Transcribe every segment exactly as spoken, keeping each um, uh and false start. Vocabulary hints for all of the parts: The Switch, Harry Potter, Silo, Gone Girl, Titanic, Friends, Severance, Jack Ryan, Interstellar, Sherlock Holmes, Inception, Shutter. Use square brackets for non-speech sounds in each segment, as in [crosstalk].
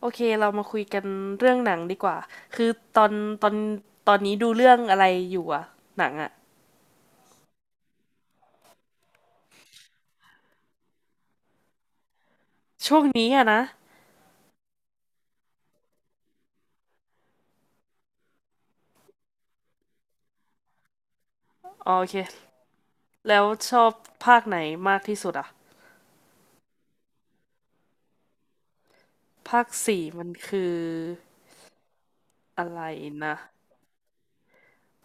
โอเคเรามาคุยกันเรื่องหนังดีกว่าคือตอนตอนตอนนี้ดูเรื่องอะไรอยู่อะหนังอะช่วงนี้อะนะอ๋อโอเคแล้วชอบภาคไหนมากที่สุดอะภาคสี่มันคืออะไรนะ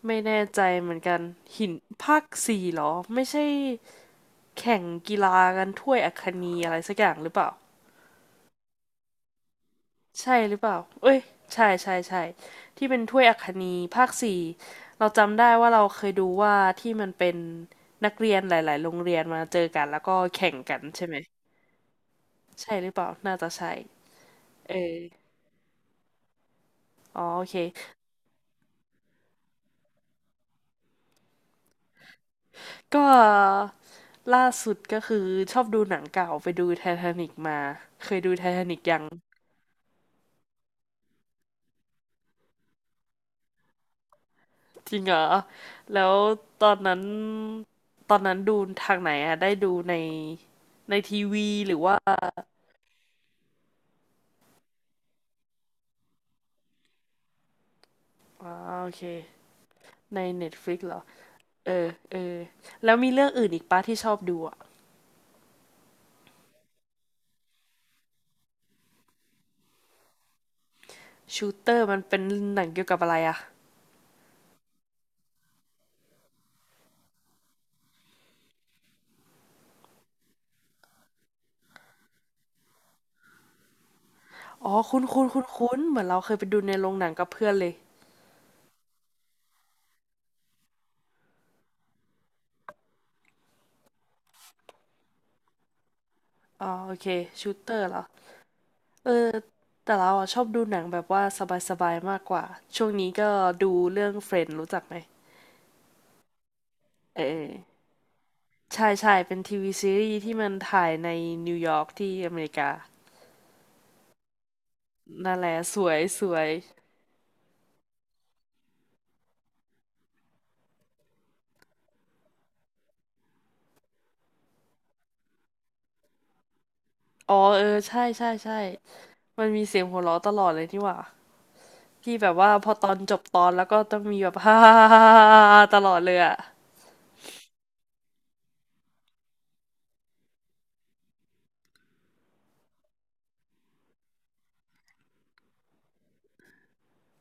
ไม่แน่ใจเหมือนกันหินภาคสี่เหรอไม่ใช่แข่งกีฬากันถ้วยอัคนีอะไรสักอย่างหรือเปล่า ใช่หรือเปล่าเอ้ยใช่ใช่ใช่ ที่เป็นถ้วยอัคนีภาคสี่ เราจำได้ว่าเราเคยดูว่าที่มันเป็นนักเรียนหลายๆโรงเรียนมาเจอกันแล้วก็แข่งกันใช่ไหมใช่หรือเปล่าน่าจะใช่เอออ๋อโอเคก็ล่าสุดก็คือชอบดูหนังเก่าไปดูไททานิกมา เคยดูไททานิกยังจริงเหรอแล้วตอนนั้นตอนนั้นดูทางไหนอะได้ดูในในทีวีหรือว่าอ๋อโอเค ในเน็ตฟลิกเหรอ เออ เออ แล้วมีเรื่องอื่นอีกปะที่ชอบดูอะชูเตอร์มันเป็นหนังเกี่ยวกับอะไรอะอ๋อคุ้นคุ้นคุ้นคุ้นเหมือนเราเคยไปดูในโรงหนังกับเพื่อนเลย อ๋อ โอเคชูเตอร์เหรอ เออ แต่เราอะชอบดูหนังแบบว่าสบายๆมากกว่า ช่วงนี้ก็ดูเรื่องเฟรนด์รู้จักไหม เออใช่ใช่เป็นทีวีซีรีส์ที่มันถ่ายในนิวยอร์กที่อเมริกานั่นแหละสวยสวยอ๋อเออใช่ใช่ใช่มันมีเสียงหัวเราะตลอดเลยนี่หว่า ที่แบบว่าพอตอนจบตอนแล้วก็ต้องมีแบบ [laughs] ฮ่าๆๆๆตลอดเลยอ่ะ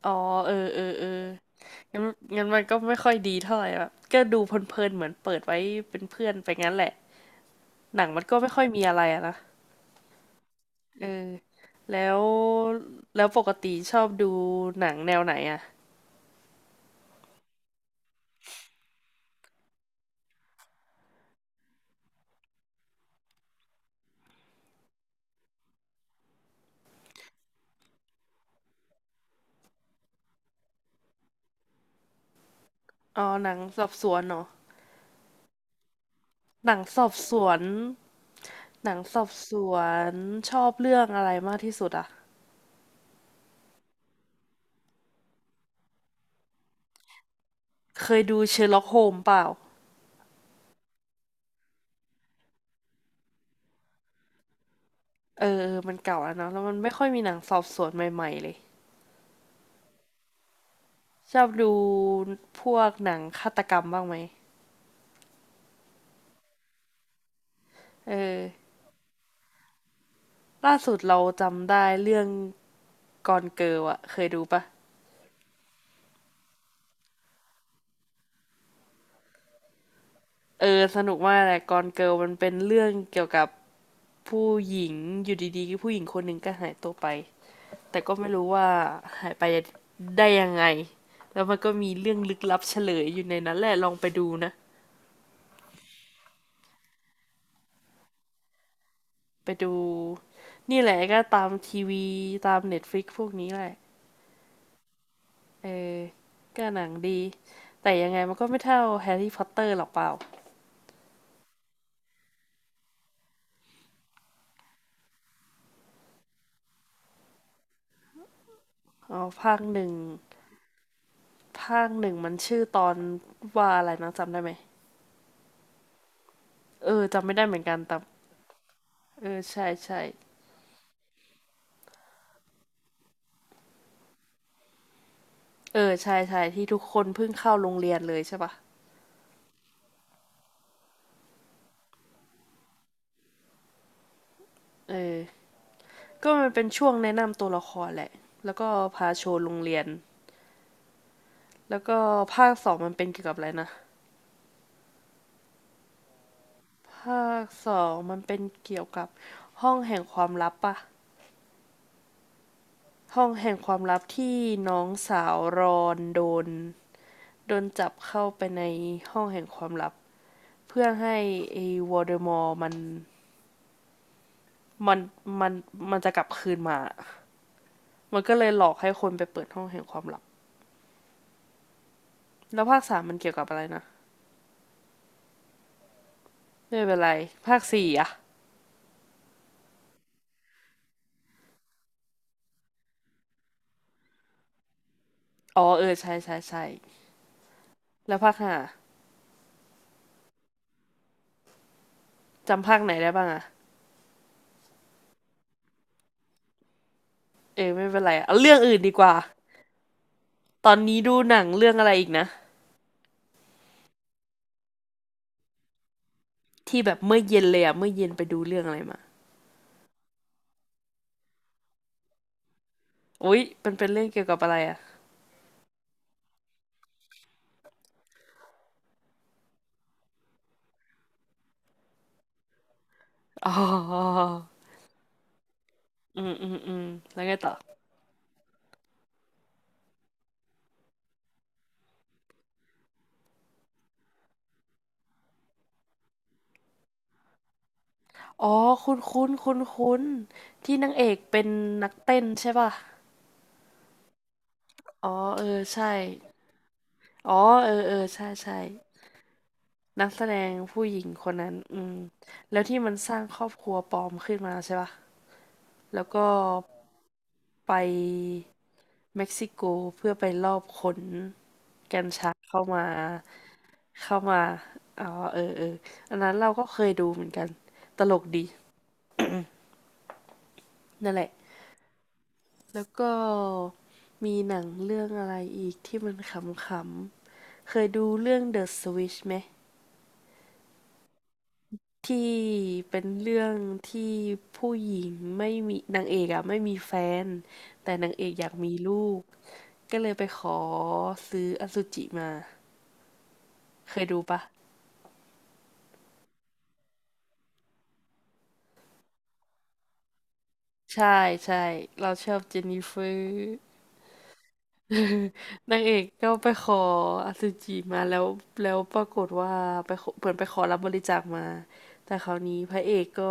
อ๋อเออเออเอองั้นงั้นมันก็ไม่ค่อยดีเท่าไหร่แบบก็ดูเพลินๆเหมือนเปิดไว้เป็นเพื่อนไปงั้นแหละหนังมันก็ไม่ค่อยมีอะไรอะนะเออแล้วแล้วปกติชอบดูหนังแนวไหนอ่ะอ๋อหนังสอบสวนเนาะหนังสอบสวนหนังสอบสวนชอบเรื่องอะไรมากที่สุดอ่ะเคยดูเชอร์ล็อกโฮมเปล่า เออมันเก่าแล้วเนาะแล้วมันไม่ค่อยมีหนังสอบสวนใหม่ๆเลยชอบดูพวกหนังฆาตกรรมบ้างไหมเออล่าสุดเราจำได้เรื่องกอนเกิลอะเคยดูปะเออสนุกมากแหละกอนเกิลมันเป็นเรื่องเกี่ยวกับผู้หญิงอยู่ดีๆผู้หญิงคนหนึ่งก็หายตัวไปแต่ก็ไม่รู้ว่าหายไปได้ยังไง แล้วมันก็มีเรื่องลึกลับเฉลยอยู่ในนั้นแหละลองไปดูนะไปดูนี่แหละก็ตามทีวีตามเน็ตฟลิกพวกนี้แหละ เออก็หนังดีแต่ยังไงมันก็ไม่เท่าแฮร์รี่พอตเตอร์หรอกเปล่าอ๋อภาคหนึ่งภาคหนึ่งมันชื่อตอนว่าอะไรนะจำได้ไหมเออจำไม่ได้เหมือนกันแต่เออใช่ใช่เออใช่ใช่ที่ทุกคนเพิ่งเข้าโรงเรียนเลยใช่ปะเออก็มันเป็นช่วงแนะนำตัวละครแหละแล้วก็พาโชว์โรงเรียนแล้วก็ภาคสองมันเป็นเกี่ยวกับอะไรนะภาคสองมันเป็นเกี่ยวกับห้องแห่งความลับปะ ห้องแห่งความลับที่น้องสาวรอนโดนโดนจับเข้าไปในห้องแห่งความลับเพื่อให้ไอ้วอลเดอมอร์มันมันมันมันจะกลับคืนมามันก็เลยหลอกให้คนไปเปิดห้องแห่งความลับแล้วภาคสามมันเกี่ยวกับอะไรนะไม่เป็นไรภาคสี่อะอ๋อเออใช่ใช่ใช่แล้วภาคห้าจำภาคไหนได้บ้างอะเออไม่เป็นไรเอาเรื่องอื่นดีกว่าตอนนี้ดูหนังเรื่องอะไรอีกนะที่แบบเมื่อเย็นเลยอะเมื่อเย็นไปดูเรื่องอะไรมาอุ้ยมันเป็นเรื่องเกี่ยวกับอะไรอะ อ๋ออืมอืมอืมแล้วไงต่ออ๋อคุ้นคุ้นคุ้นคุ้นๆที่นางเอกเป็นนักเต้นใช่ป่ะอ๋อเออใช่อ๋อเออเออใช่ใช่นักแสดงผู้หญิงคนนั้นอืมแล้วที่มันสร้างครอบครัวปลอมขึ้นมาใช่ป่ะแล้วก็ไปเม็กซิโกเพื่อไปลอบขนกัญชาเข้ามาเข้ามาอ๋อเออเอออันนั้นเราก็เคยดูเหมือนกันตลกดีนั่นแหละ แล้วก็มีหนังเรื่องอะไรอีกที่มันขำๆเคยดูเรื่อง เดอะ สวิตช์ ไหมที่เป็นเรื่องที่ผู้หญิงไม่มีนางเอกอะไม่มีแฟนแต่นางเอกอยากมีลูกก็เลยไปขอซื้ออสุจิมาเคยดูปะใช่ใช่เราชอบเจนนิเฟอร์ นางเอกก็ไปขออสุจิมาแล้วแล้วปรากฏว่าไปขอเหมือนไปขอรับบริจาคมาแต่คราวนี้พระเอกก็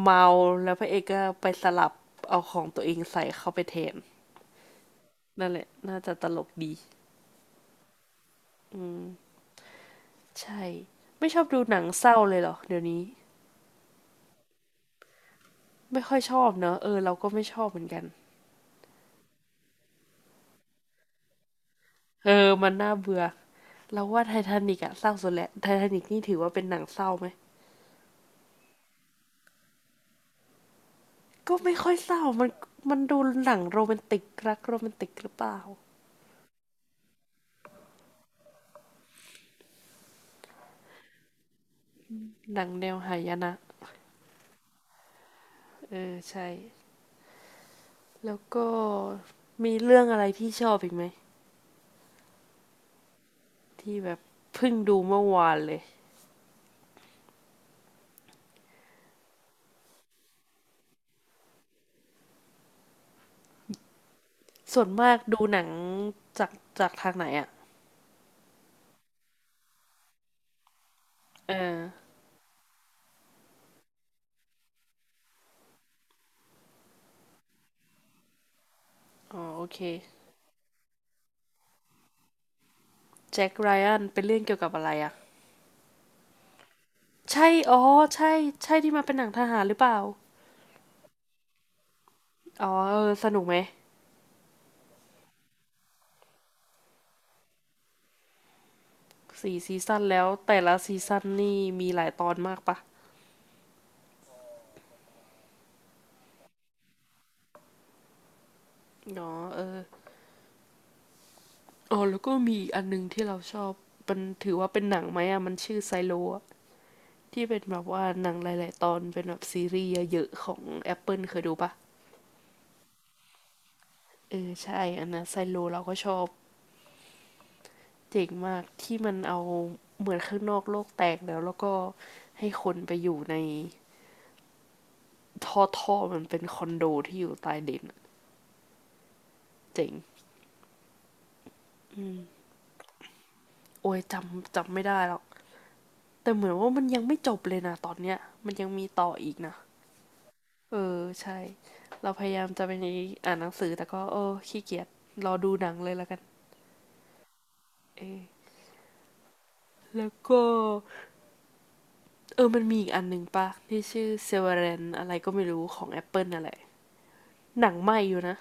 เมาแล้วพระเอกก็ไปสลับเอาของตัวเองใส่เข้าไปแทนนั่นแหละน่าจะตลกดีใช่ไม่ชอบดูหนังเศร้าเลยเหรอเดี๋ยวนี้ไม่ค่อยชอบเนอะเออเราก็ไม่ชอบเหมือนกันเออมันน่าเบื่อเราว่าไททานิกอะเศร้าสุดแหละไททานิกนี่ถือว่าเป็นหนังเศร้าไหม ก็ไม่ค่อยเศร้ามันมันดูหนังโรแมนติกรักโรแมนติกหรือเปล่า หนังแนวหายนะเออใช่แล้วก็มีเรื่องอะไรที่ชอบอีกไหมที่แบบเพิ่งดูเมื่อวานเลยส่วนมากดูหนังจากจากทางไหนอ่ะเอออ๋อโอเคแจ็คไรอันเป็นเรื่องเกี่ยวกับอะไรอ่ะใช่อ๋อใช่ใช่ที่มาเป็นหนังทหารหรือเปล่าอ๋อเออสนุกไหมสี่ซีซั่นแล้วแต่ละซีซั่นนี่มีหลายตอนมากปะอ๋อเออ อ๋อแล้วก็มีอีกอันหนึงที่เราชอบมันถือว่าเป็นหนังไหมอ่ะมันชื่อไซโลอะที่เป็นแบบว่าหนังหลายๆตอนเป็นแบบซีรีส์เยอะๆของ Apple เคยดูปะเออใช่อันนั้นไซโลเราก็ชอบเจ๋งมากที่มันเอาเหมือนข้างนอกโลกแตกแล้วแล้วก็ให้คนไปอยู่ในท่อท่อมันเป็นคอนโดที่อยู่ใต้ดินอะเจ๋งอืมโอ้ยจำจำไม่ได้แล้วแต่เหมือนว่ามันยังไม่จบเลยนะตอนเนี้ยมันยังมีต่ออีกนะ เออใช่เราพยายามจะเป็นอย่างนี้อ่านหนังสือแต่ก็โอ้ขี้เกียจรอดูหนังเลยแล้วกันเออแล้วก็เออมันมีอีกอันหนึ่งปะที่ชื่อ s e v e r a n อะไรก็ไม่รู้ของ Apple นั่นแหละหนังใหม่อยู่นะ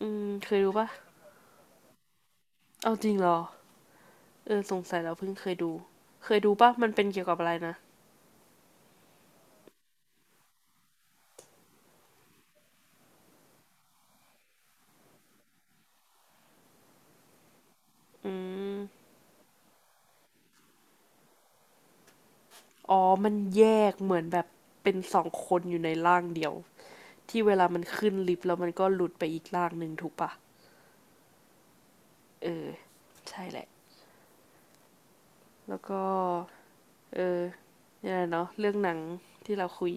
อืมเคยดูปะเอาจริงเหรอเออสงสัยเราเพิ่งเคยดูเคยดูปะมันเป็นเกี่ยวกับอะไรนะอืมอ๋อมันแยกเหมือนแบบเป็นสองคนอยู่ในร่างเดียวที่เวลามันขึ้นลิฟต์แล้วมันก็หลุดไปอีกร่างหนึ่งถูกปะเออใช่แหละแล้วก็ เออเนี่ยเนาะเรื่องหนังที่เราคุย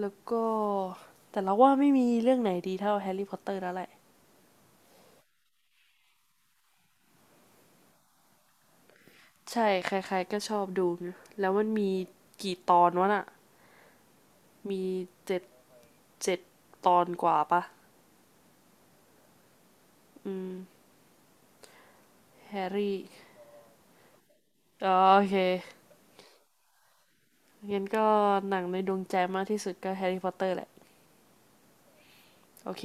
แล้วก็แต่เราว่าไม่มีเรื่องไหนดีเท่าแฮร์รี่พอตเตอร์แล้วแหละใช่ใครๆก็ชอบดูนะแล้วมันมีกี่ตอนวะน่ะมีเจ็ดเจ็ดตอนกว่าปะอืมแฮร์รี่ออโอเคงั้นก็หนังในดวงใจมากที่สุดก็แฮร์รี่พอตเตอร์แหละโอเค